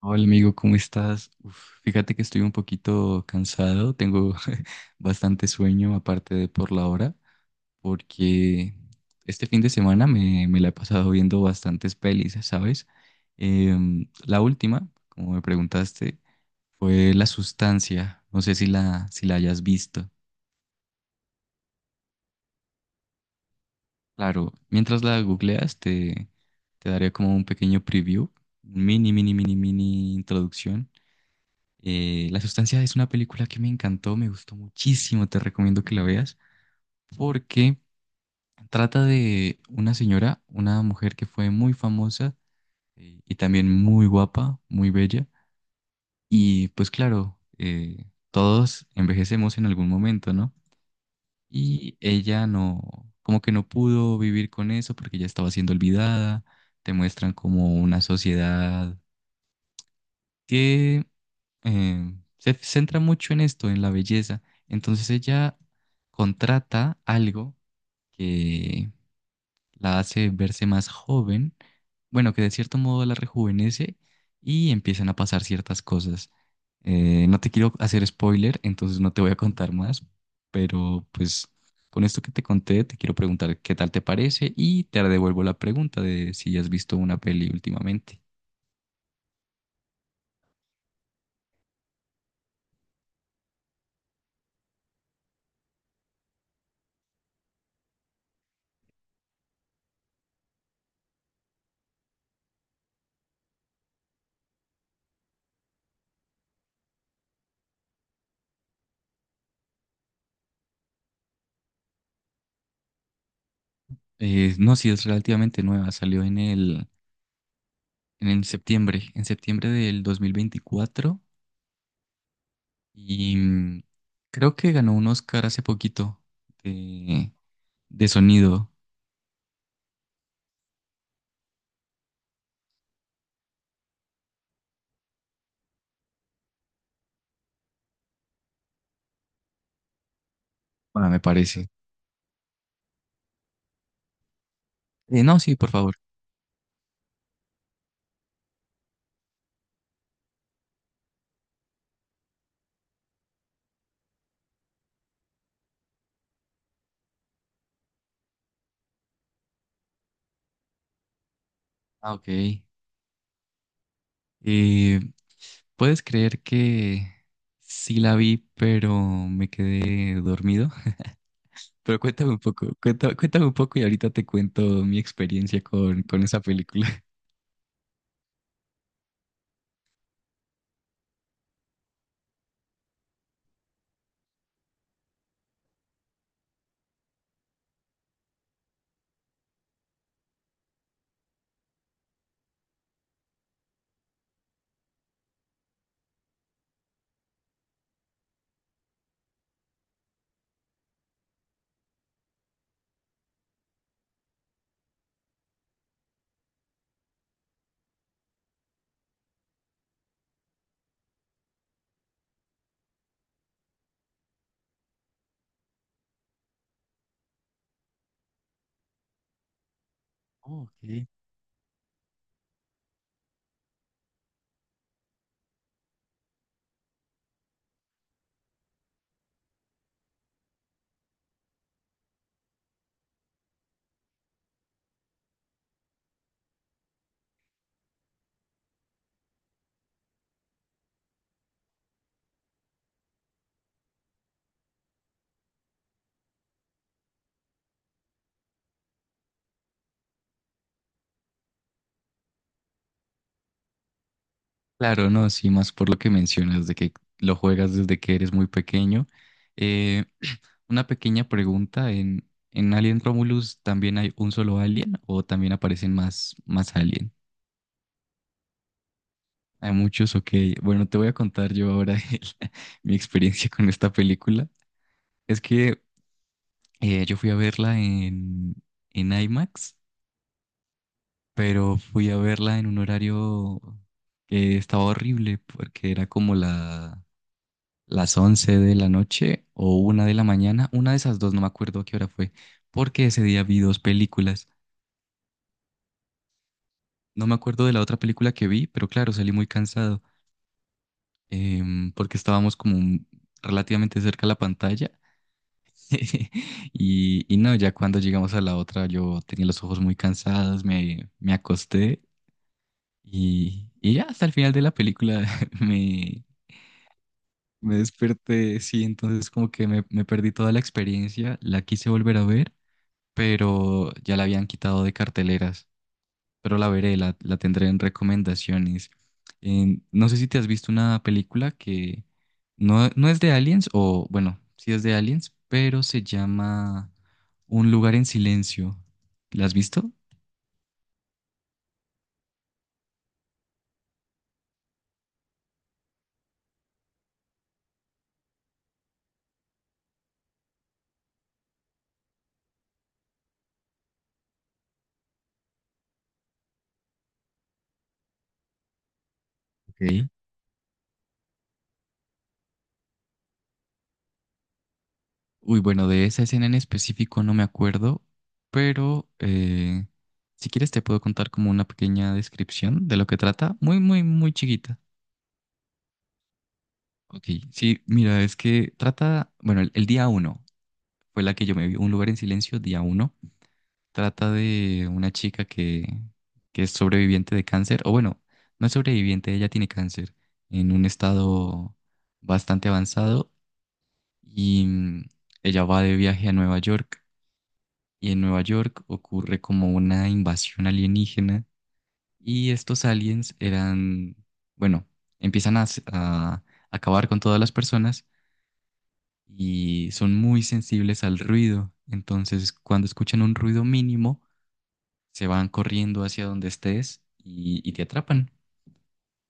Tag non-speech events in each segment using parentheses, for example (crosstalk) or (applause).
Hola amigo, ¿cómo estás? Uf, fíjate que estoy un poquito cansado, tengo (laughs) bastante sueño aparte de por la hora, porque este fin de semana me la he pasado viendo bastantes pelis, ¿sabes? La última, como me preguntaste, fue La Sustancia, no sé si la hayas visto. Claro, mientras la googleas te daré como un pequeño preview, mini, mini, mini, mini introducción. La Sustancia es una película que me encantó, me gustó muchísimo, te recomiendo que la veas porque trata de una señora, una mujer que fue muy famosa, y también muy guapa, muy bella. Y pues claro, todos envejecemos en algún momento, ¿no? Y ella no, como que no pudo vivir con eso porque ya estaba siendo olvidada. Te muestran como una sociedad que se centra mucho en esto, en la belleza. Entonces ella contrata algo que la hace verse más joven, bueno, que de cierto modo la rejuvenece y empiezan a pasar ciertas cosas. No te quiero hacer spoiler, entonces no te voy a contar más, pero pues con esto que te conté, te quiero preguntar qué tal te parece y te devuelvo la pregunta de si has visto una peli últimamente. No, si es relativamente nueva, salió en septiembre del 2024 y creo que ganó un Oscar hace poquito de, de sonido, ah, me parece. No, sí, por favor. Ah, ok. Eh, ¿Puedes creer que sí la vi, pero me quedé dormido? (laughs) Pero cuéntame un poco, cuéntame un poco y ahorita te cuento mi experiencia con esa película. (laughs) Oh, ok. Claro, no, sí, más por lo que mencionas de que lo juegas desde que eres muy pequeño. Eh, una pequeña pregunta, ¿en Alien Romulus también hay un solo alien o también aparecen más alien? Hay muchos, ok. Bueno, te voy a contar yo ahora (laughs) mi experiencia con esta película. Es que yo fui a verla en IMAX, pero fui a verla en un horario que estaba horrible porque era como la las 11 de la noche o una de la mañana, una de esas dos, no me acuerdo a qué hora fue, porque ese día vi dos películas. No me acuerdo de la otra película que vi, pero claro, salí muy cansado, porque estábamos como relativamente cerca a la pantalla. (laughs) Y, y no, ya cuando llegamos a la otra, yo tenía los ojos muy cansados, me acosté y ya hasta el final de la película (laughs) me, me desperté, sí, entonces como que me perdí toda la experiencia, la quise volver a ver pero ya la habían quitado de carteleras. Pero la veré, la tendré en recomendaciones. No sé si te has visto una película que no es de Aliens, o bueno, sí es de Aliens, pero se llama Un lugar en silencio. ¿La has visto? Ok. Uy, bueno, de esa escena en específico no me acuerdo, pero si quieres te puedo contar como una pequeña descripción de lo que trata, muy, muy, muy chiquita. Ok, sí, mira, es que trata, bueno, el día uno fue la que yo me vi, Un lugar en silencio, día uno. Trata de una chica que es sobreviviente de cáncer, o bueno, no es sobreviviente, ella tiene cáncer en un estado bastante avanzado y ella va de viaje a Nueva York y en Nueva York ocurre como una invasión alienígena y estos aliens eran, bueno, empiezan a acabar con todas las personas y son muy sensibles al ruido. Entonces, cuando escuchan un ruido mínimo, se van corriendo hacia donde estés y te atrapan.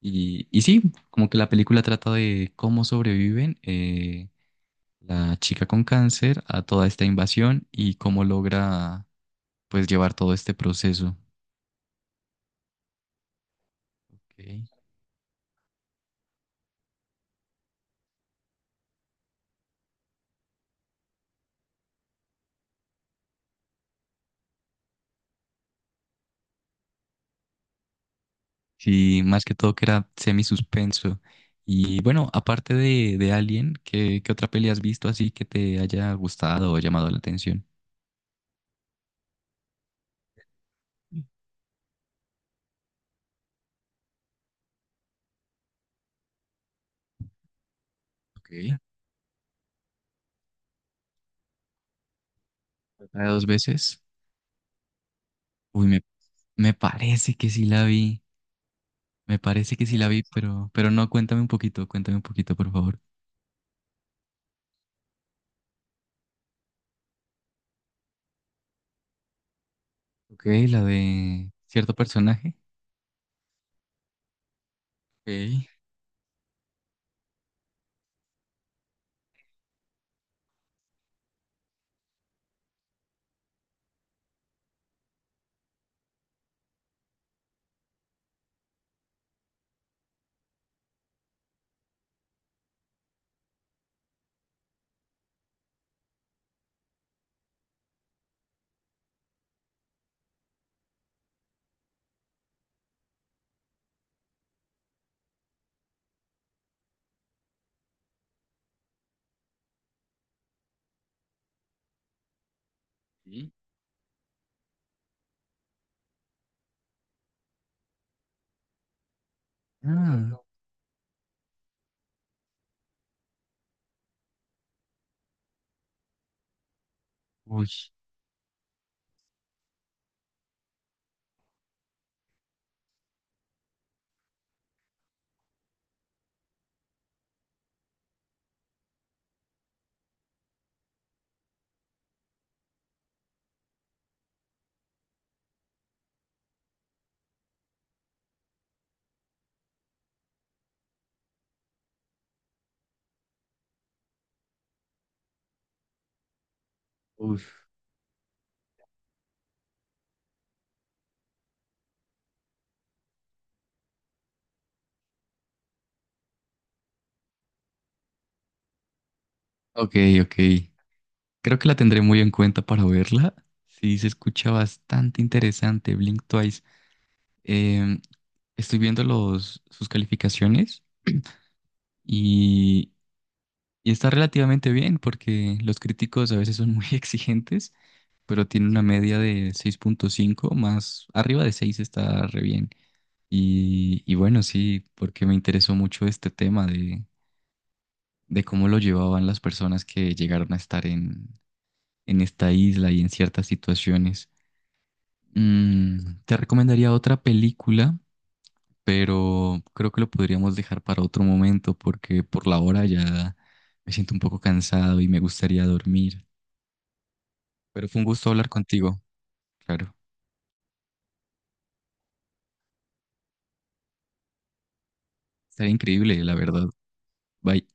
Y sí, como que la película trata de cómo sobreviven la chica con cáncer a toda esta invasión y cómo logra pues llevar todo este proceso. Ok. Sí, más que todo que era semi suspenso. Y bueno, aparte de Alien, ¿qué otra peli has visto así que te haya gustado o llamado la atención? Ok, la de dos veces. Uy, me parece que sí la vi. Me parece que sí la vi, pero no, cuéntame un poquito, por favor. Ok, la de cierto personaje. Ok. Sí. Ah, uy, uf. Ok, ok. Creo que la tendré muy en cuenta para verla. Sí, se escucha bastante interesante, Blink Twice. Em, Estoy viendo sus calificaciones y, y está relativamente bien porque los críticos a veces son muy (laughs) exigentes, pero tiene una media de 6,5. Más arriba de 6 está re bien. Y bueno, sí, porque me interesó mucho este tema de cómo lo llevaban las personas que llegaron a estar en esta isla y en ciertas situaciones. Te recomendaría otra película, pero creo que lo podríamos dejar para otro momento porque por la hora ya me siento un poco cansado y me gustaría dormir. Pero fue un gusto hablar contigo, claro. Estaría increíble, la verdad. Bye.